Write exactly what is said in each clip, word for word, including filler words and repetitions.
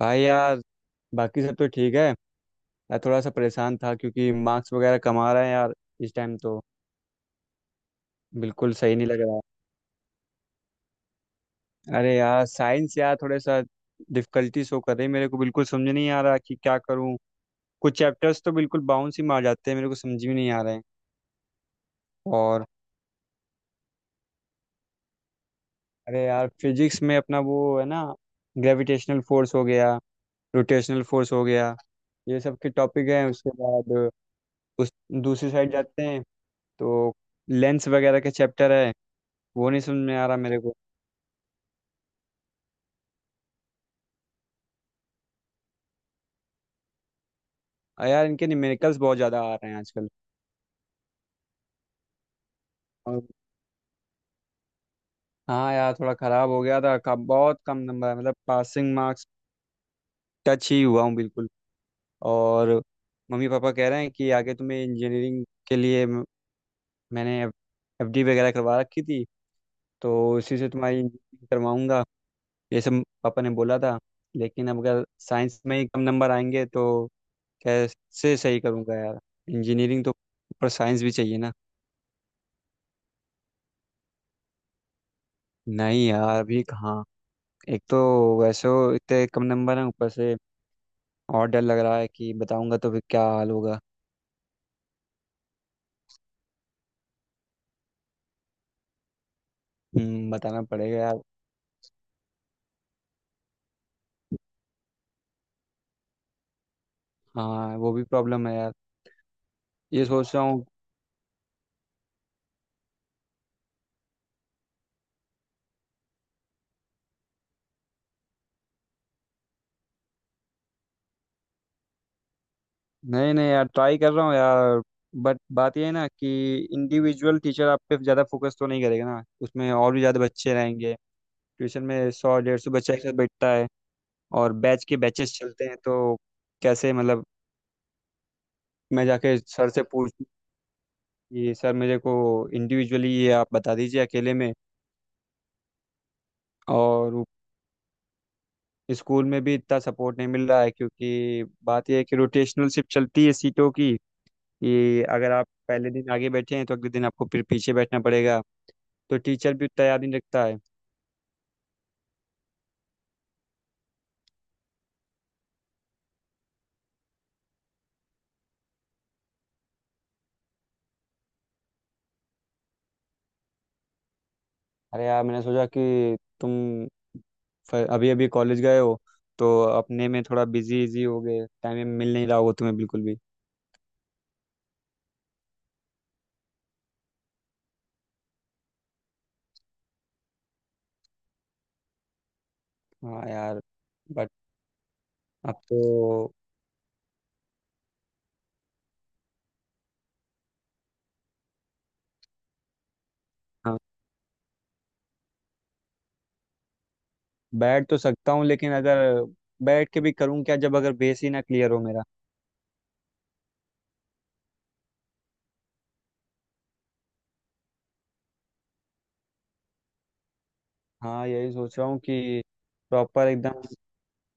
भाई यार, बाकी सब तो ठीक है। यार थोड़ा सा परेशान था क्योंकि मार्क्स वगैरह कम आ रहे हैं यार, इस टाइम तो बिल्कुल सही नहीं लग रहा है। अरे यार, साइंस यार थोड़ा सा डिफिकल्टी शो कर रही है मेरे को, बिल्कुल समझ नहीं आ रहा कि क्या करूं। कुछ चैप्टर्स तो बिल्कुल बाउंस ही मार जाते हैं, मेरे को समझ में नहीं आ रहे हैं। और अरे यार, फिजिक्स में अपना वो है ना, ग्रेविटेशनल फोर्स हो गया, रोटेशनल फोर्स हो गया, ये सब के टॉपिक हैं। उसके बाद उस दूसरी साइड जाते हैं तो लेंस वगैरह के चैप्टर है, वो नहीं समझ में आ रहा मेरे को। अ यार, इनके न्यूमेरिकल्स बहुत ज़्यादा आ रहे हैं आजकल। और हाँ यार, थोड़ा ख़राब हो गया था, कब बहुत कम नंबर है, मतलब पासिंग मार्क्स टच ही हुआ हूँ बिल्कुल। और मम्मी पापा कह रहे हैं कि आगे तुम्हें इंजीनियरिंग के लिए म- मैंने एफ डी वगैरह करवा रखी थी, तो उसी से तुम्हारी इंजीनियरिंग करवाऊंगा, ये सब पापा ने बोला था। लेकिन अब अगर साइंस में ही कम नंबर आएंगे तो कैसे सही करूँगा यार। इंजीनियरिंग तो, पर साइंस भी चाहिए ना। नहीं यार, अभी कहाँ। एक तो वैसे वो इतने कम नंबर हैं, ऊपर से और डर लग रहा है कि बताऊंगा तो फिर क्या हाल होगा। हम्म, बताना पड़ेगा यार। हाँ, वो भी प्रॉब्लम है यार, ये सोच रहा हूँ। नहीं नहीं यार, ट्राई कर रहा हूँ यार। बट बात ये है ना कि इंडिविजुअल टीचर आप पे ज़्यादा फोकस तो नहीं करेगा ना, उसमें और भी ज़्यादा बच्चे रहेंगे। ट्यूशन में सौ डेढ़ सौ बच्चा एक साथ बैठता है, और बैच के बैचेस चलते हैं तो कैसे, मतलब। मैं जाके सर से पूछ कि सर मेरे को इंडिविजुअली ये आप बता दीजिए अकेले में। और स्कूल में भी इतना सपोर्ट नहीं मिल रहा है क्योंकि बात यह है कि रोटेशनल शिफ्ट चलती है सीटों की, कि अगर आप पहले दिन आगे बैठे हैं तो अगले दिन आपको फिर पीछे बैठना पड़ेगा। तो टीचर भी उतना याद नहीं रखता है। अरे यार, मैंने सोचा कि तुम अभी अभी कॉलेज गए हो, तो अपने में थोड़ा बिजी इजी हो गए, टाइम मिल नहीं रहा होगा तुम्हें बिल्कुल भी। हाँ यार, बट अब तो। हाँ, बैठ तो सकता हूँ लेकिन अगर बैठ के भी करूँ क्या, जब अगर बेस ही ना क्लियर हो मेरा। हाँ, यही सोच रहा हूँ कि प्रॉपर एकदम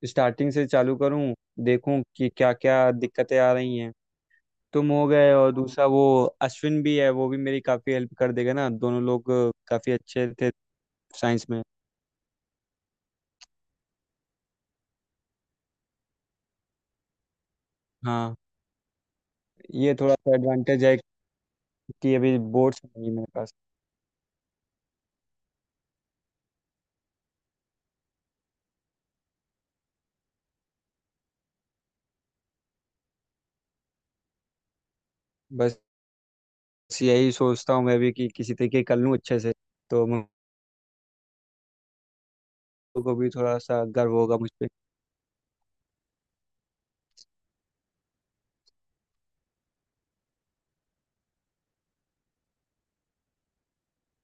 स्टार्टिंग से चालू करूं, देखूं कि क्या क्या दिक्कतें आ रही हैं। तुम हो गए और दूसरा वो अश्विन भी है, वो भी मेरी काफ़ी हेल्प कर देगा ना। दोनों लोग काफ़ी अच्छे थे साइंस में। हाँ, ये थोड़ा सा एडवांटेज है कि अभी बोर्ड्स नहीं है मेरे पास। बस यही सोचता हूँ मैं भी कि किसी तरीके कर लूँ अच्छे से, तो मुझे को भी थोड़ा सा गर्व होगा मुझ पे।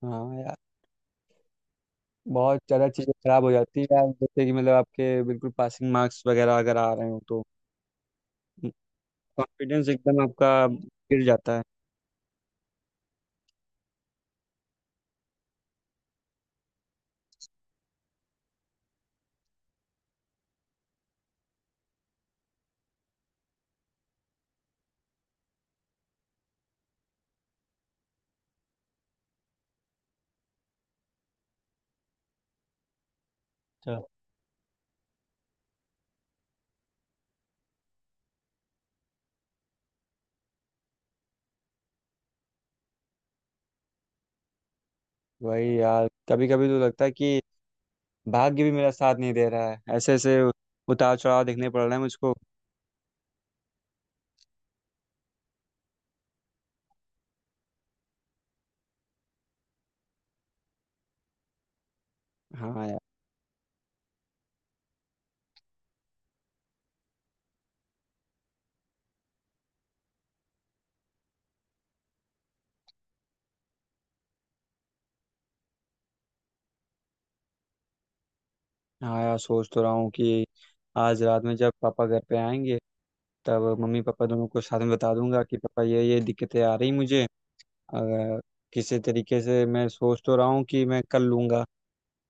हाँ यार, बहुत ज़्यादा चीज़ें खराब हो जाती है यार, जैसे कि मतलब आपके बिल्कुल पासिंग मार्क्स वगैरह अगर आ रहे हो तो कॉन्फिडेंस एकदम आपका गिर जाता है। अच्छा, वही यार, कभी कभी तो लगता है कि भाग्य भी मेरा साथ नहीं दे रहा है, ऐसे ऐसे उतार चढ़ाव देखने पड़ रहे हैं मुझको। हाँ यार। हाँ यार, सोच तो रहा हूँ कि आज रात में जब पापा घर पे आएंगे, तब मम्मी पापा दोनों को साथ में बता दूंगा कि पापा ये ये दिक्कतें आ रही मुझे। अगर किसी तरीके से, मैं सोच तो रहा हूँ कि मैं कर लूंगा,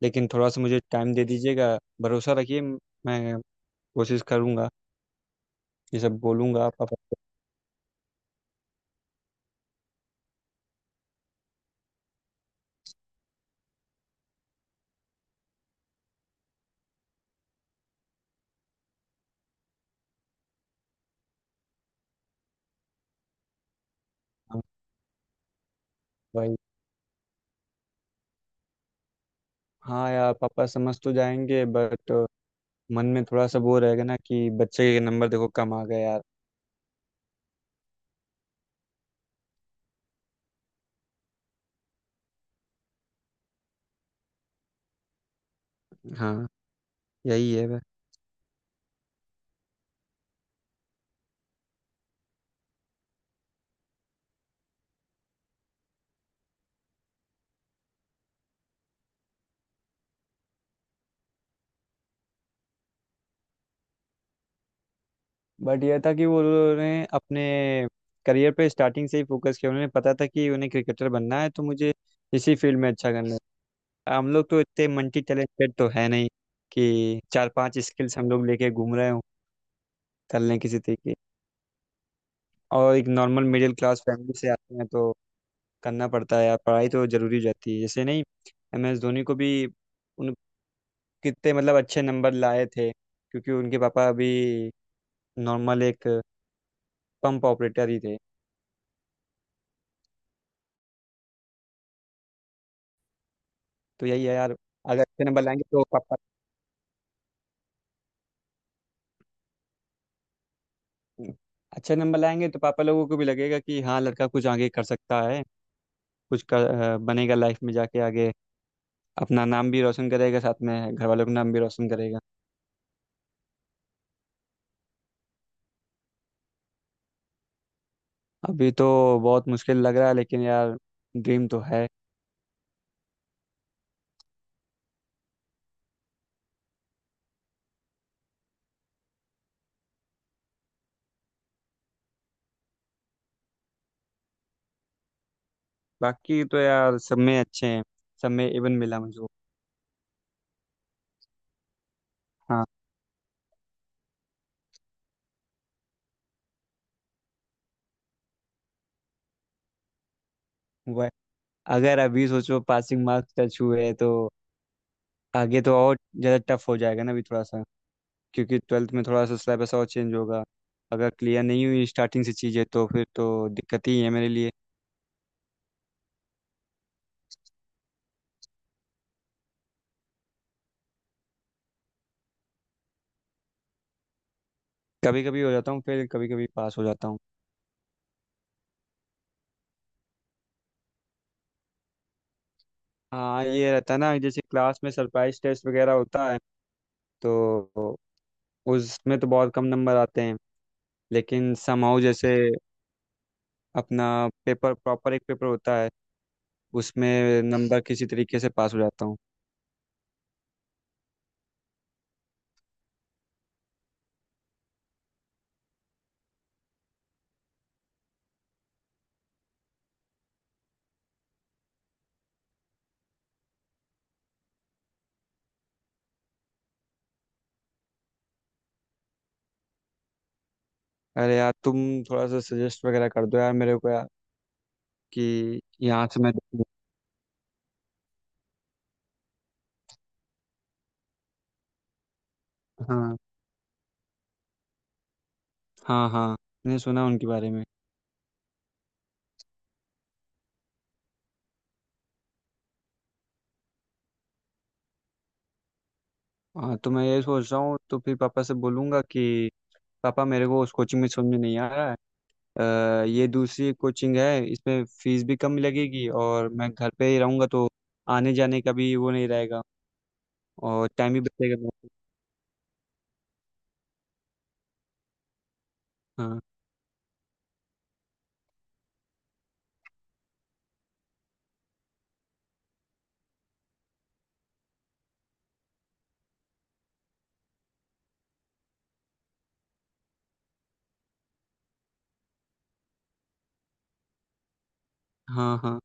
लेकिन थोड़ा सा मुझे टाइम दे दीजिएगा, भरोसा रखिए, मैं कोशिश करूंगा। ये सब बोलूंगा पापा को। हाँ भाई, हाँ यार, पापा समझ तो जाएंगे बट मन में थोड़ा सा वो रहेगा ना कि बच्चे के नंबर देखो कम आ गए यार। हाँ, यही है वह। बट यह था कि वो उन्होंने अपने करियर पे स्टार्टिंग से ही फोकस किया, उन्हें पता था कि उन्हें क्रिकेटर बनना है, तो मुझे इसी फील्ड में अच्छा करना है। हम लोग तो इतने मल्टी टैलेंटेड तो है नहीं कि चार पांच स्किल्स हम लोग लेके घूम रहे हो, कर लें किसी तरीके। और एक नॉर्मल मिडिल क्लास फैमिली से आते हैं तो करना पड़ता है यार, पढ़ाई तो जरूरी हो जाती है। जैसे नहीं एम एस धोनी को भी कितने मतलब अच्छे नंबर लाए थे, क्योंकि उनके पापा अभी नॉर्मल एक पंप ऑपरेटर ही थे। तो यही है यार, अगर अच्छे नंबर लाएंगे तो पापा, अच्छे नंबर लाएंगे तो पापा लोगों को भी लगेगा कि हाँ, लड़का कुछ आगे कर सकता है, कुछ कर, अ, बनेगा लाइफ में जाके आगे, अपना नाम भी रोशन करेगा साथ में घर वालों का नाम भी रोशन करेगा। अभी तो बहुत मुश्किल लग रहा है लेकिन यार, ड्रीम तो है। बाकी तो यार सब में अच्छे हैं, सब में इवन मिला मुझे। हाँ, वह, अगर अभी सोचो पासिंग मार्क्स टच हुए तो आगे तो और ज़्यादा टफ हो जाएगा ना अभी, थोड़ा सा, क्योंकि ट्वेल्थ में थोड़ा सा सिलेबस और चेंज होगा। अगर क्लियर नहीं हुई स्टार्टिंग से चीज़ें तो फिर तो दिक्कत ही है मेरे लिए। कभी कभी हो जाता हूँ, फिर कभी कभी पास हो जाता हूँ। हाँ, ये रहता है ना, जैसे क्लास में सरप्राइज टेस्ट वगैरह होता है तो उसमें तो बहुत कम नंबर आते हैं। लेकिन समहाउ, जैसे अपना पेपर प्रॉपर एक पेपर होता है, उसमें नंबर किसी तरीके से पास हो जाता हूँ। अरे यार, तुम थोड़ा सा सजेस्ट वगैरह कर दो यार मेरे को यार, कि यहाँ से मैं। हाँ, हाँ, हाँ, मैंने सुना उनके बारे में। हाँ, तो मैं ये सोच रहा हूँ, तो फिर पापा से बोलूँगा कि पापा मेरे को उस कोचिंग में समझ में नहीं आ रहा है, अ, ये दूसरी कोचिंग है, इसमें फीस भी कम लगेगी और मैं घर पे ही रहूँगा, तो आने जाने का भी वो नहीं रहेगा, और टाइम भी बचेगा मेरे को। हाँ, हाँ, हाँ,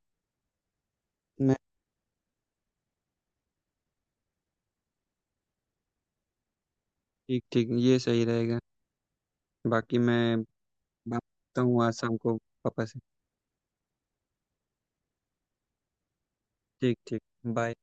मैं, ठीक ठीक, ये सही रहेगा। बाकी मैं बात करता हूँ आज शाम को पापा से। ठीक ठीक, बाय।